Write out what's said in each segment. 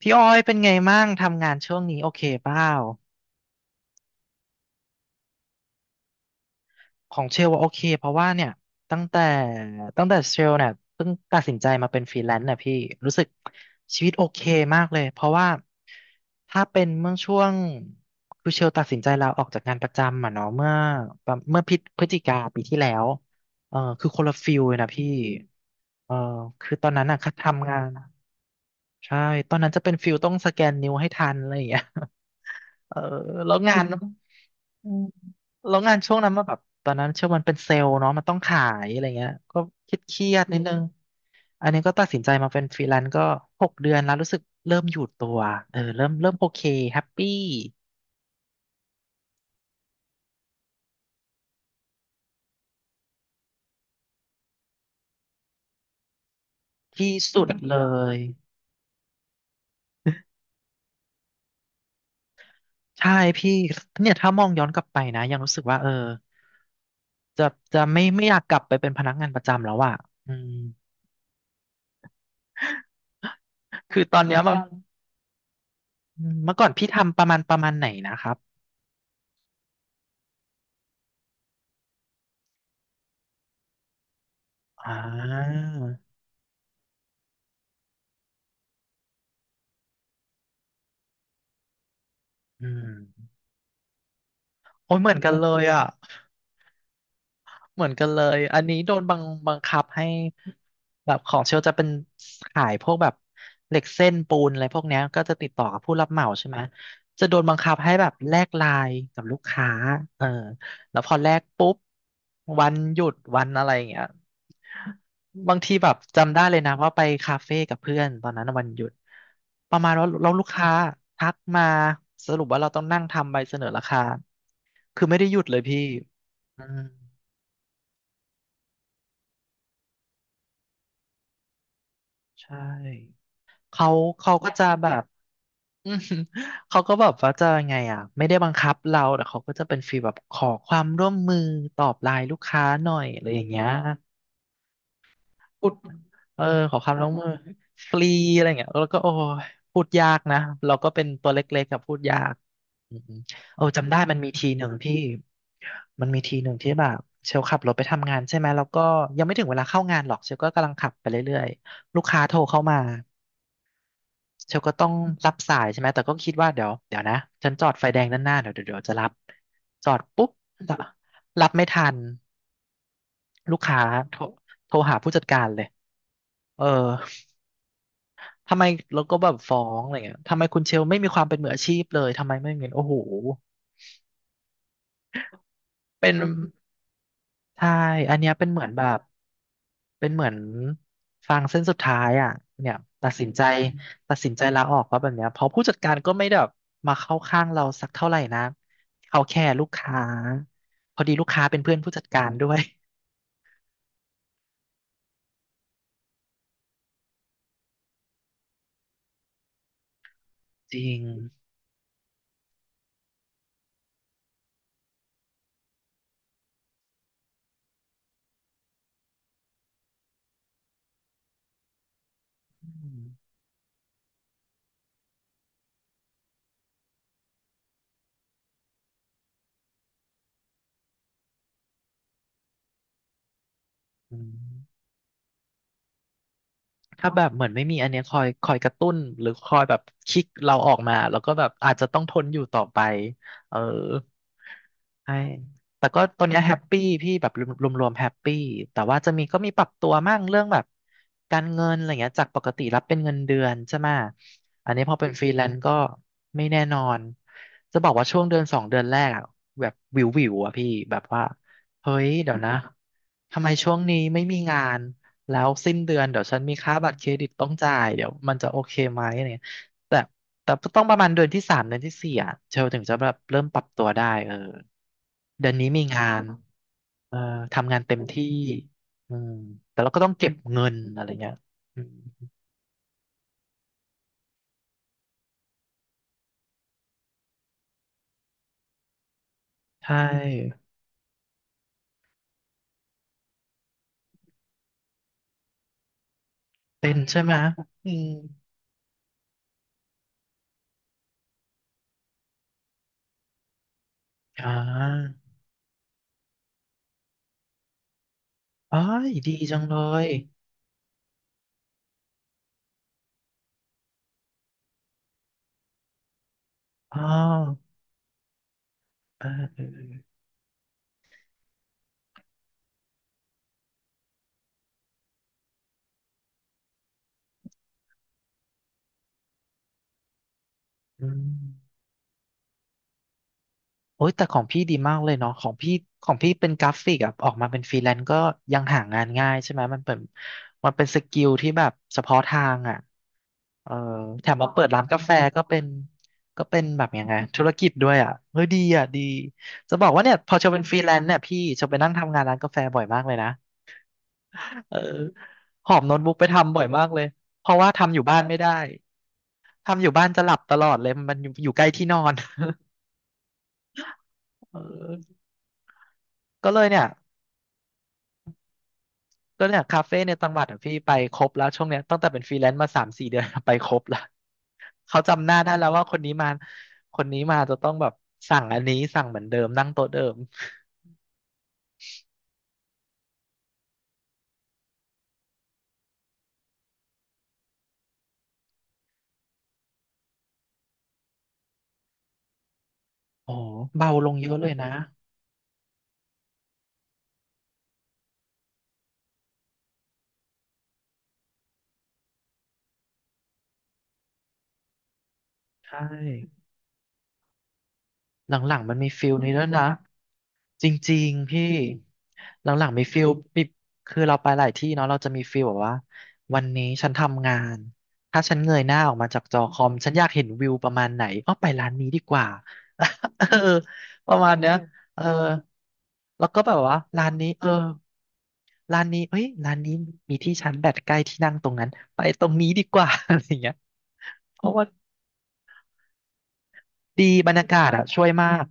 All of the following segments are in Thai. พี่อ้อยเป็นไงมั่งทำงานช่วงนี้โอเคเปล่าของเชลว่าโอเคเพราะว่าเนี่ยตั้งแต่ตั้งแต่เชลเนี่ยเพิ่งตัดสินใจมาเป็นฟรีแลนซ์น่ะพี่รู้สึกชีวิตโอเคมากเลยเพราะว่าถ้าเป็นเมื่อช่วงคือเชลตัดสินใจลาออกจากงานประจำอ่ะเนาะเมื่อประเมื่อพิจพฤศจิกาปีที่แล้วคือคนละฟิลเลยนะพี่เออคือตอนนั้นอ่ะค่ะทำงานใช่ตอนนั้นจะเป็นฟิลต้องสแกนนิ้วให้ทันอะไรอย่างเงี้ย เออแล้วงานอืม แล้วงานช่วงนั้นมาแบบตอนนั้นเชื่อมันเป็นเซลล์เนาะมันต้องขายอะไรเงี้ยก็คิดเครียดๆนิดนึงอันนี้ก็ตัดสินใจมาเป็นฟรีแลนซ์ก็หกเดือนแล้วรู้สึกเริ่มอยู่ตัวเริ่มโอเคแฮปปี้ที่สุดเลยใช่พี่เนี่ยถ้ามองย้อนกลับไปนะยังรู้สึกว่าจะจะไม่อยากกลับไปเป็นพนักงานประจำแล้วอ่ะอืมคือตอนเนี้ยมันอืมเมื่อก่อนพี่ทำประมาณไหนนะครับอ่าอืมโอ้ยเหมือนกันเลยอ่ะ เหมือนกันเลย อันนี้โดนบังคับให้แบบของเชลจะเป็นขายพวกแบบเหล็กเส้นปูนอะไรพวกเนี้ยก็จะติดต่อกับผู้รับเหมาใช่ไหมจะโดนบังคับให้แบบแลกไลน์กับลูกค้าเออแล้วพอแลกปุ๊บวันหยุดวันอะไรอย่างเงี้ยบางทีแบบจำได้เลยนะว่าไปคาเฟ่กับเพื่อนตอนนั้นวันหยุดประมาณว่าเราลูกค้าทักมาสรุปว่าเราต้องนั่งทำใบเสนอราคาคือไม่ได้หยุดเลยพี่อืม ใช่เขาเขาก็จะแบบ อืมเขาก็แบบว่าจะไงอ่ะไม่ได้บังคับเราแต่เขาก็จะเป็นฟีลแบบขอความร่วมมือตอบไลน์ลูกค้าหน่อยอะไรอย่างเงี้ยพูดเออขอความร่วมมือฟรีอะไรเงี้ยแล้วก็โอ้ยพูดยากนะเราก็เป็นตัวเล็กๆกับพูดยากอืมโอ้จำได้มันมีทีหนึ่งที่แบบเชลขับรถไปทำงานใช่ไหมแล้วก็ยังไม่ถึงเวลาเข้างานหรอกเชลก็กำลังขับไปเรื่อยๆลูกค้าโทรเข้ามา เชลก็ต้องรับสายใช่ไหม แต่ก็คิดว่าเดี๋ยวเดี๋ยวนะฉันจอดไฟแดงด้านหน้าเดี๋ยวเดี๋ยวเดี๋ยวจะรับจอดปุ๊บรับไม่ทันลูกค้าโทรโทรหาผู้จัดการเลยเออทำไมเราก็แบบฟ้องอะไรเงี้ยทำไมคุณเชลไม่มีความเป็นมืออาชีพเลยทำไมไม่เงินโอ้โหเป็น ใช่ อันเนี้ยเป็นเหมือนแบบเป็นเหมือนฟางเส้นสุดท้ายอ่ะเนี่ยตัดสินใจตัดสินใจลาออกว่าแบบเนี้ยเพราะผู้จัดการก็ไม่ได้แบบมาเข้าข้างเราสักเท่าไหร่นะเขาแค่ลูกค้าพอดีลูกค้าเป็นเพื่อนผู้จัดการด้วย จริงอืมอืม ถ้าแบบเหมือนไม่มีอันเนี้ยคอยกระตุ้นหรือคอยแบบคิกเราออกมาแล้วก็แบบอาจจะต้องทนอยู่ต่อไปเออใช่แต่ก็ตอนเนี้ยแฮปปี้พี่แบบรวมแฮปปี้แต่ว่าจะมีก็มีปรับตัวมั่งเรื่องแบบการเงินอะไรเงี้ยจากปกติรับเป็นเงินเดือนใช่ไหมะอันนี้พอเป็นฟรีแลนซ์ก็ไม่แน่นอนจะบอกว่าช่วงเดือนสองเดือนแรกอะแบบวิวอะพี่แบบว่าเฮ้ยเดี๋ยวนะ ทำไมช่วงนี้ไม่มีงาน แล้วสิ้นเดือนเดี๋ยวฉันมีค่าบัตรเครดิตต้องจ่ายเดี๋ยวมันจะโอเคไหมอะไรเงี้ยแต่แต่ต้องประมาณเดือนที่สามเดือนที่สี่อ่ะเชลถึงจะแบบเริ่มปรับตัวได้เดือนนี้มีงานเออทำงานเต็มที่อืมแต่เราก็ต้องเก็บเงินอะไรเงี้ยอืมใช่เป็นใช่ไหมอืมอ่าอ๋อยดีจังเลยอ๋อเออเออเอออืม โอ้ยแต่ของพี่ดีมากเลยเนาะของพี่ของพี่เป็นกราฟิกอะออกมาเป็นฟรีแลนซ์ก็ยังหางานง่ายใช่ไหมมันเป็นสกิลที่แบบเฉพาะทางอะเออแถมมาเปิดร้านกาแฟก็เป็นก็เป็นแบบยังไงธุรกิจด้วยอะเฮ้ยดีอะดีจะบอกว่าเนี่ยพอเชลเป็นฟรีแลนซ์เนี่ยพี่เชลไปนั่งทำงานร้านกาแฟบ่อยมากเลยนะเออหอบโน้ตบุ๊กไปทำบ่อยมากเลยเพราะว่าทำอยู่บ้านไม่ได้ทำอยู่บ้านจะหลับตลอดเลยมันอยู่ใกล้ที่นอนเออก็เลยเนี่ย ก็เนี่ยคาเฟ่ในจังหวัดอะพี่ไปครบแล้วช่วงเนี้ยตั้งแต่เป็นฟรีแลนซ์มาสามสี่เดือน ไปครบแล้วเขาจำหน้าได้แล้วว่าคนนี้มาคนนี้มาจะต้องแบบสั่งอันนี้สั่งเหมือนเดิมนั่งโต๊ะเดิมโอ้อเบาลงเยอะเลยนะใช่ หลังๆมันมีฟิลนี้ด้วยนะจริงๆพี่หลังๆมีฟิลปิคือเราไปหลายที่เนาะเราจะมีฟิลแบบว่าวันนี้ฉันทำงานถ้าฉันเงยหน้าออกมาจากจอคอมฉันอยากเห็นวิวประมาณไหนอ้อไปร้านนี้ดีกว่า เออประมาณเนี้ยเออแล้วก็แบบว่าร้านนี้เออร้านนี้เอ้ยร้านนี้มีที่ชาร์จแบตใกล้ที่นั่งตรงนั้นไปตรงนี้ดีกว่า อะไรอย่างเงี้ยเพราะว่าดีบรรยากาศอะช่วยมาก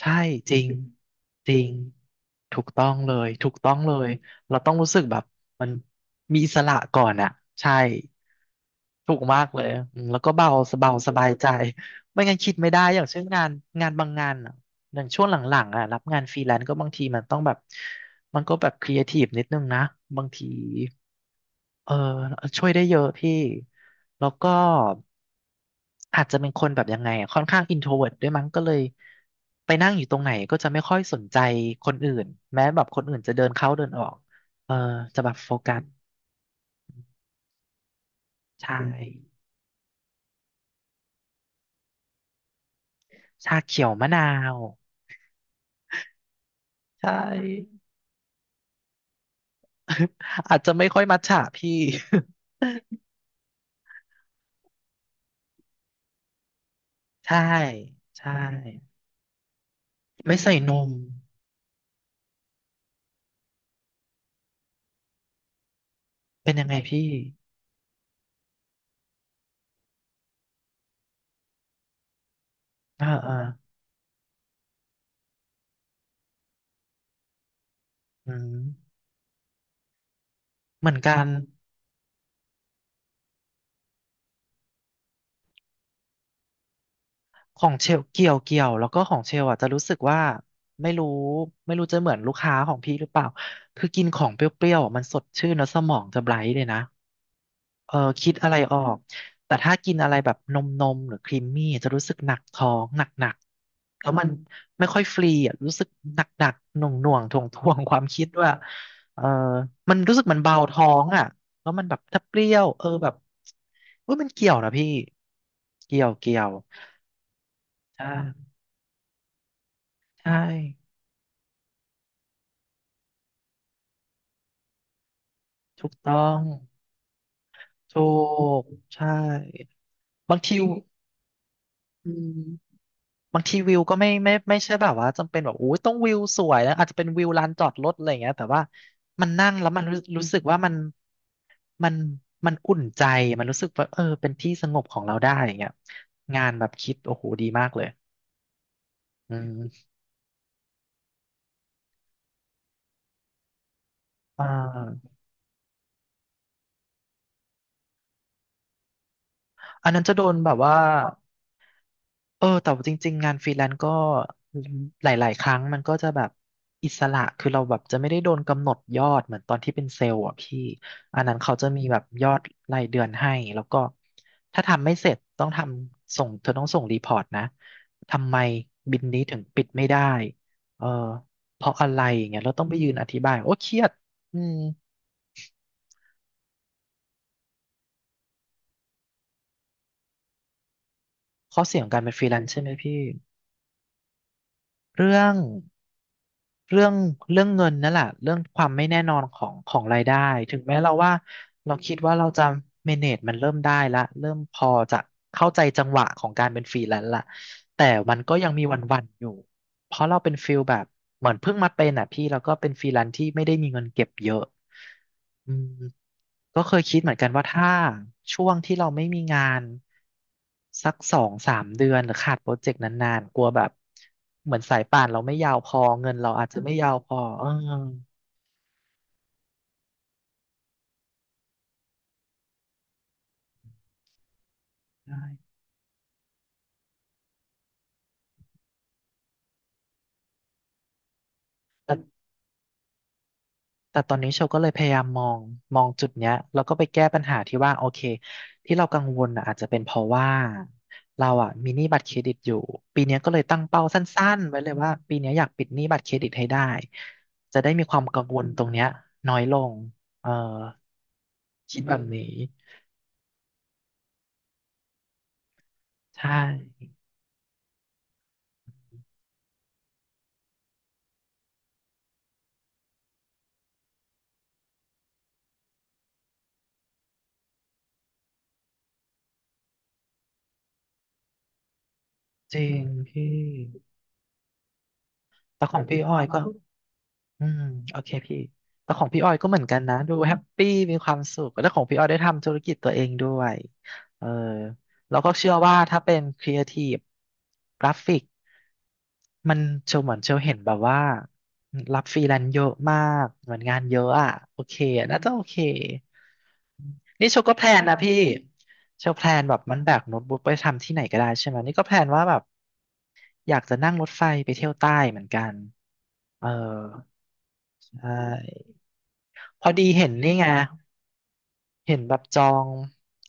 ใช่จริงจริงถูกต้องเลยถูกต้องเลยเราต้องรู้สึกแบบมันมีอิสระก่อนอ่ะใช่ถูกมากเลยอืมแล้วก็เบาสบายสบายใจไม่งั้นคิดไม่ได้อย่างเช่นงานงานบางงานอะ อย่างช่วงหลังๆอ่ะรับงานฟรีแลนซ์ก็บางทีมันต้องแบบมันก็แบบครีเอทีฟนิดนึงนะบางทีเออช่วยได้เยอะพี่แล้วก็อาจจะเป็นคนแบบยังไงอะค่อนข้างอินโทรเวิร์ตด้วยมั้งก็เลยไปนั่งอยู่ตรงไหนก็จะไม่ค่อยสนใจคนอื่นแม้แบบคนอื่นจะเดินเข้าเดินออกเออจะแบบโฟกัสใช่ชาเขียวมะนาวใช่ อาจจะไม่ค่อยมัทฉะพี่ ใช่ใช่ ไม่ใส่นมเป็นยังไงพี่อ่าอ่าอืมเหมือนกันของเชลเกี่ยวเกี่ยวแล้วก็ของเชลอ่ะจะรู้สึกว่าไม่รู้ไม่รู้จะเหมือนลูกค้าของพี่หรือเปล่าคือกินของเปรี้ยวๆอะมันสดชื่นแล้วสมองจะไบรท์เลยนะ เออคิดอะไรออกแต่ถ้ากินอะไรแบบนมนมหรือครีมมี่จะรู้สึกหนักท้องหนักหนักแล้วมันไม่ค่อยฟรีอ่ะรู้สึกหนักหนักหน่วงหน่วงถ่วงถ่วงความคิดว่าเออมันรู้สึกมันเบาท้องอ่ะแล้วมันแบบถ้าเปรี้ยวเออแบบเอยมันเกี่ยวนะพี่เกี่ยวเกี่ยวใช่ใช่ถูกต้องถูกใช่บางที บางทีวิวก็ไม่ไม่ไม่ใช่แบบว่าจำเป็นแบบโอ้ยต้องวิวสวยนะอาจจะเป็นวิวลานจอดรถอะไรอย่างเงี้ยแต่ว่ามันนั่งแล้วมันรู้สึกว่ามันมันอุ่นใจมันรู้สึกว่าเออเป็นที่สงบของเราได้อย่างเงี้ยงานแบบคิดโอ้โหดีมากเลยอืมอ่าอันนั้นจะโดนแบบว่า เออแต่ว่าจริงๆงานฟรีแลนซ์ก็หลายๆครั้งมันก็จะแบบอิสระคือเราแบบจะไม่ได้โดนกำหนดยอดเหมือนตอนที่เป็นเซลล์อ่ะพี่อันนั้นเขาจะมีแบบยอดรายเดือนให้แล้วก็ถ้าทำไม่เสร็จต้องทำส่งเธอต้องส่งรีพอร์ตนะทำไมบินนี้ถึงปิดไม่ได้เออเพราะอะไรอย่างเงี้ยเราต้องไปยืนอธิบายโอ้เครียดอืมข้อเสียของการเป็นฟรีแลนซ์ใช่ไหมพี่ เรื่องเรื่องเรื่องเงินนั่นแหละเรื่องความไม่แน่นอนของของรายได้ถึงแม้เราว่าเราคิดว่าเราจะ manage มันเริ่มได้ละเริ่มพอจะเข้าใจจังหวะของการเป็นฟรีแลนซ์ละแต่มันก็ยังมีวันๆอยู่เพราะเราเป็นฟิลแบบเหมือนเพิ่งมาเป็นอ่ะพี่แล้วก็เป็นฟรีแลนซ์ที่ไม่ได้มีเงินเก็บเยอะ อืมก็เคยคิดเหมือนกันว่าถ้าช่วงที่เราไม่มีงานสักสองสามเดือนหรือขาดโปรเจกต์นานๆกลัวแบบเหมือนสายป่านเราไม่ยาวพอเงินเราอาจจะไม่ยาวพอเออ แต่ตอนนี้โชลก็เลยพยายามมองมองจุดเนี้ยแล้วก็ไปแก้ปัญหาที่ว่าโอเคที่เรากังวลน่ะอาจจะเป็นเพราะว่าเราอ่ะมีหนี้บัตรเครดิตอยู่ปีเนี้ยก็เลยตั้งเป้าสั้นๆไว้เลยว่าปีเนี้ยอยากปิดหนี้บัตรเครดิตให้ได้จะได้มีความกังวลตรงเนี้ยน้อยลงเออคิดแบบนี้ใช่จริงพี่แต่ของพี่อ้อยก็ อืมโอเคพี่แต่ของพี่ออยก็เหมือนกันนะดูแฮปปี้มีความสุขแล้วของพี่ออยได้ทำธุรกิจตัวเองด้วยเออแล้วก็เชื่อว่าถ้าเป็นครีเอทีฟกราฟิกมันเชลเหมือนเชลเห็นแบบว่ารับฟรีแลนซ์เยอะมากเหมือนงานเยอะอ่ะโอเคน่าจะโอเคนี่เชก็แพลนนะพี่เชลแพลนแบบมันแบกโน้ตบุ๊กไปทำที่ไหนก็ได้ใช่ไหมนี่ก็แพลนว่าแบบอยากจะนั่งรถไฟไปเที่ยวใต้เหมือนกันเออใช่ พอดีเห็นนี่ไงเห็นแบบจอง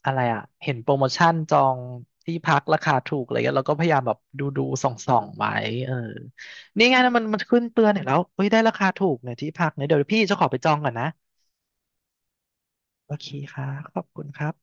อะไรอ่ะ เห็นโปรโมชั่นจองที่พักราคาถูกอะไรเงี้ยเราก็พยายามแบบดูดูส่องส่องไว้เออนี่ไงนะมันมันขึ้นเตือนเห็นแล้วเฮ้ยได้ราคาถูกเนี่ยที่พักเนี่ยเดี๋ยวพี่จะขอไปจองก่อนนะ โอเคค่ะขอบคุณครับ